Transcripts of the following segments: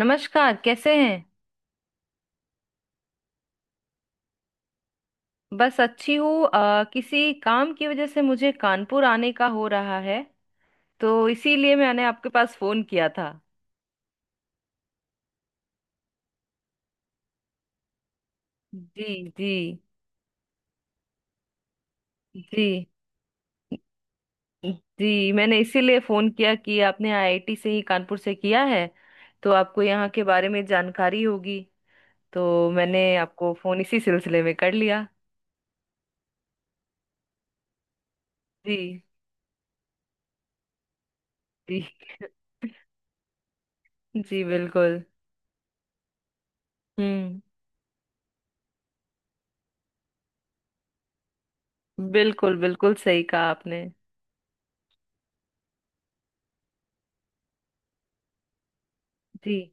नमस्कार, कैसे हैं। बस अच्छी हूँ। किसी काम की वजह से मुझे कानपुर आने का हो रहा है, तो इसीलिए मैंने आपके पास फोन किया था। जी जी। जी जी, मैंने इसीलिए फोन किया कि आपने आईआईटी से ही, कानपुर से किया है, तो आपको यहाँ के बारे में जानकारी होगी। तो मैंने आपको फोन इसी सिलसिले में कर लिया। जी। जी। जी बिल्कुल। हम्म। बिल्कुल बिल्कुल सही कहा आपने। जी।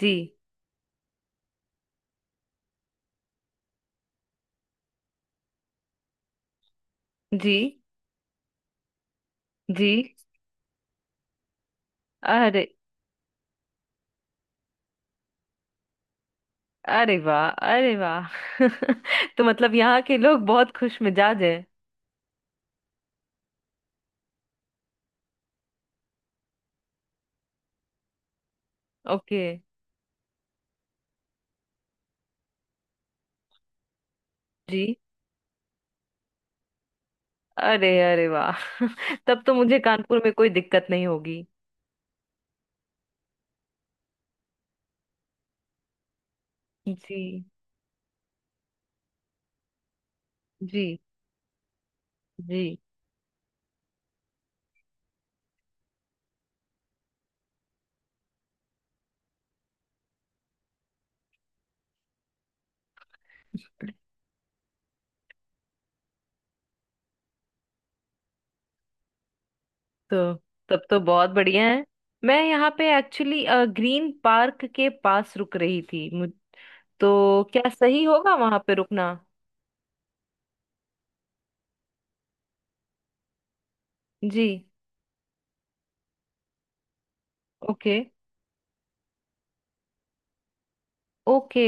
जी। जी। जी। अरे, अरे वाह, अरे वाह। तो मतलब यहाँ के लोग बहुत खुश मिजाज हैं। ओके। जी। अरे, अरे वाह। तब तो मुझे कानपुर में कोई दिक्कत नहीं होगी। जी। जी। जी। तो तब तो बहुत बढ़िया है। मैं यहाँ पे एक्चुअली ग्रीन पार्क के पास रुक रही थी, मुझ, तो क्या सही होगा वहां पे रुकना। जी। Okay. Okay.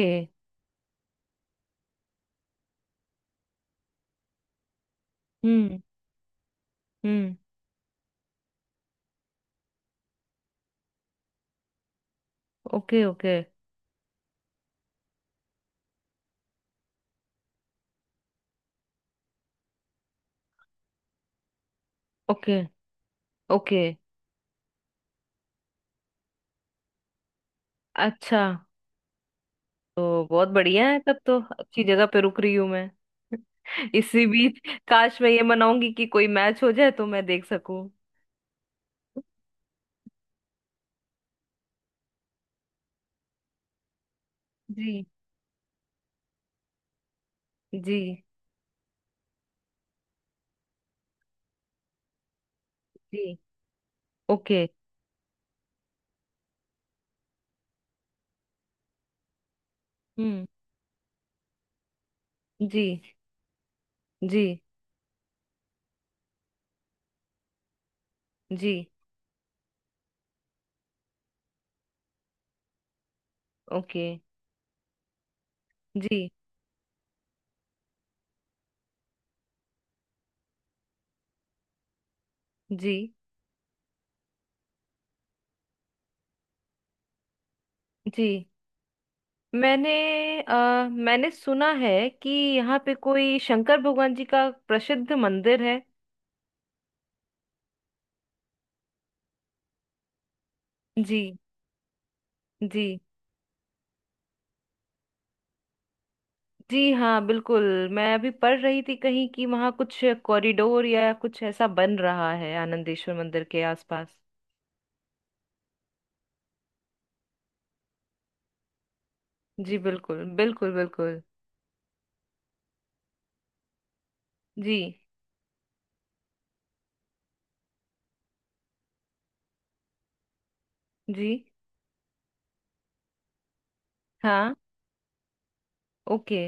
Hmm. Hmm. Okay. Okay. Okay. Okay. अच्छा। तो बहुत बढ़िया है, तब तो अच्छी जगह पे रुक रही हूँ मैं। इसी बीच काश मैं ये मनाऊंगी कि कोई मैच हो जाए तो मैं देख सकूं। जी। जी। जी। ओके। हम्म। जी। जी। जी। ओके। जी। जी। जी मैंने, मैंने सुना है कि यहाँ पे कोई शंकर भगवान जी का प्रसिद्ध मंदिर है। जी। जी। जी हाँ बिल्कुल। मैं अभी पढ़ रही थी कहीं कि वहाँ कुछ कॉरिडोर या कुछ ऐसा बन रहा है आनंदेश्वर मंदिर के आसपास। जी बिल्कुल बिल्कुल बिल्कुल। जी। जी हाँ। ओके।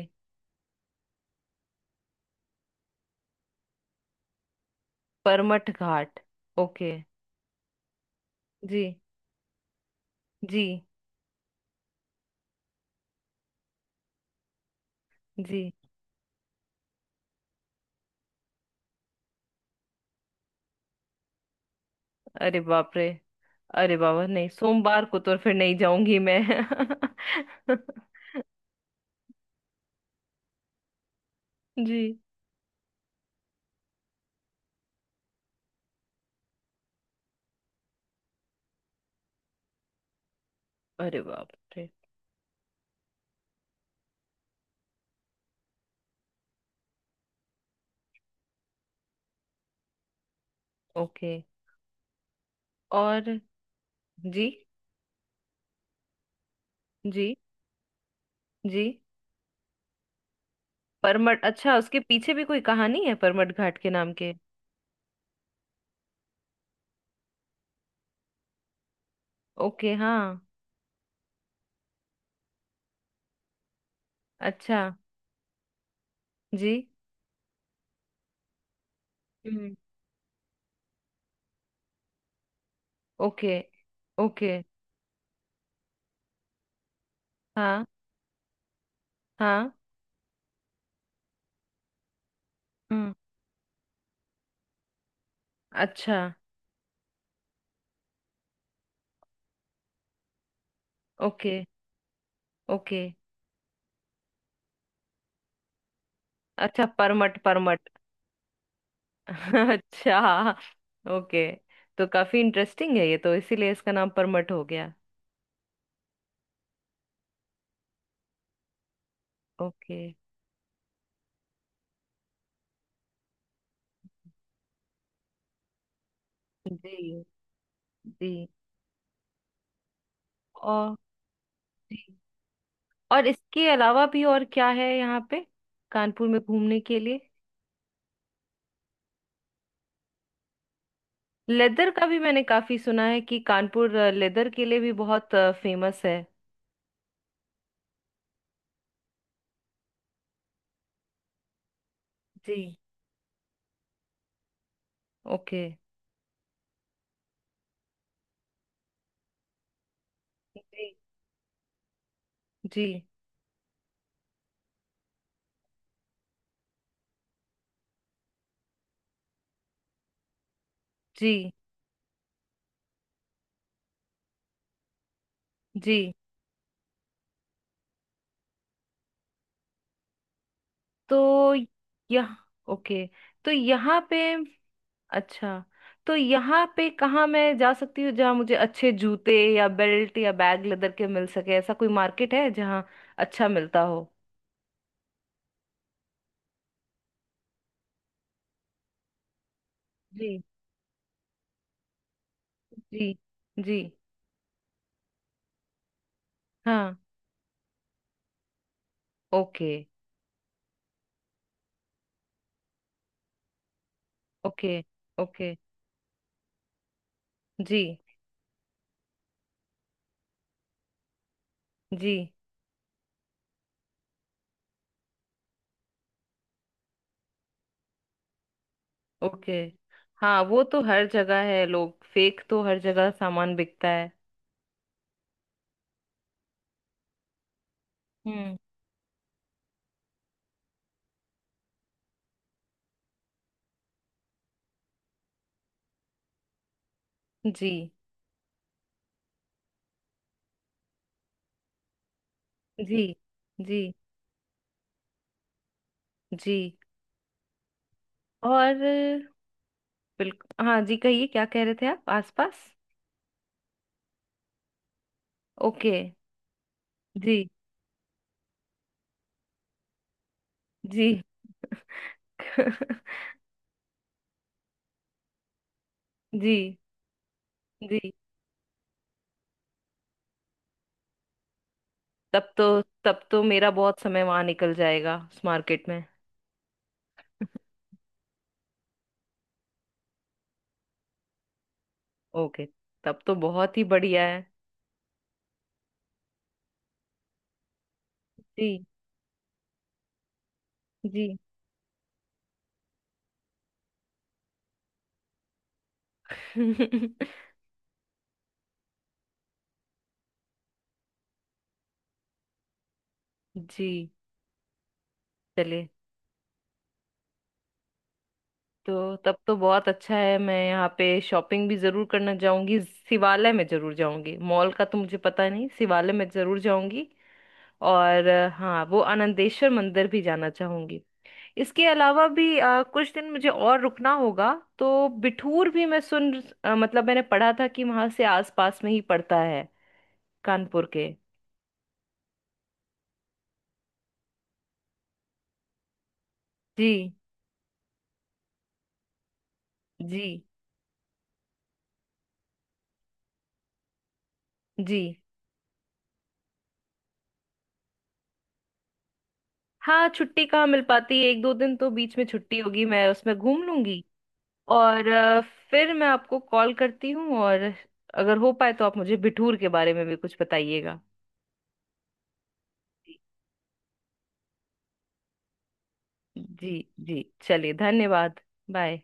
परमठ घाट। ओके। जी। जी। जी। अरे बाप रे। अरे बाबा, नहीं, सोमवार को तो फिर नहीं जाऊंगी मैं। जी। अरे बाप रे। ओके। और जी। जी। जी। परमट, अच्छा, उसके पीछे भी कोई कहानी है परमट घाट के नाम के। ओके हाँ। अच्छा। जी। हम्म। ओके। ओके। हाँ। हाँ। हम्म। अच्छा। ओके। ओके। अच्छा परमट, परमट। अच्छा। ओके। तो काफी इंटरेस्टिंग है ये, तो इसीलिए इसका नाम परमट हो गया। ओके। जी। जी। और जी। और इसके अलावा भी और क्या है यहाँ पे, कानपुर में घूमने के लिए। लेदर का भी मैंने काफी सुना है कि कानपुर लेदर के लिए भी बहुत फेमस है। जी। ओके। जी। जी। जी। जी तो यह, ओके, तो यहाँ पे, अच्छा, तो यहाँ पे कहाँ मैं जा सकती हूँ जहाँ मुझे अच्छे जूते या बेल्ट या बैग लेदर के मिल सके, ऐसा कोई मार्केट है जहाँ अच्छा मिलता हो। जी। जी। जी हाँ। ओके। ओके। ओके। जी। जी। ओके। हाँ वो तो हर जगह है, लोग फेक तो हर जगह सामान बिकता है। हम्म। जी। जी। जी। जी। और बिल्कुल हाँ जी, कहिए क्या कह रहे थे आप, आसपास। ओके। जी। जी। जी। जी। तब तो, तब तो मेरा बहुत समय वहां निकल जाएगा उस मार्केट में। ओके। तब तो बहुत ही बढ़िया है। जी। जी। जी, चलिए। तो तब तो बहुत अच्छा है, मैं यहाँ पे शॉपिंग भी जरूर करना जाऊंगी। शिवालय में जरूर जाऊंगी, मॉल का तो मुझे पता नहीं, शिवालय में जरूर जाऊंगी। और हाँ, वो आनंदेश्वर मंदिर भी जाना चाहूंगी। इसके अलावा भी कुछ दिन मुझे और रुकना होगा। तो बिठूर भी मैं सुन, मतलब मैंने पढ़ा था कि वहां से आसपास में ही पड़ता है, कानपुर के। जी। जी। जी हाँ, छुट्टी कहाँ मिल पाती है, एक दो दिन तो बीच में छुट्टी होगी मैं उसमें घूम लूंगी। और फिर मैं आपको कॉल करती हूँ, और अगर हो पाए तो आप मुझे बिठूर के बारे में भी कुछ बताइएगा। जी। जी। जी चलिए, धन्यवाद। बाय।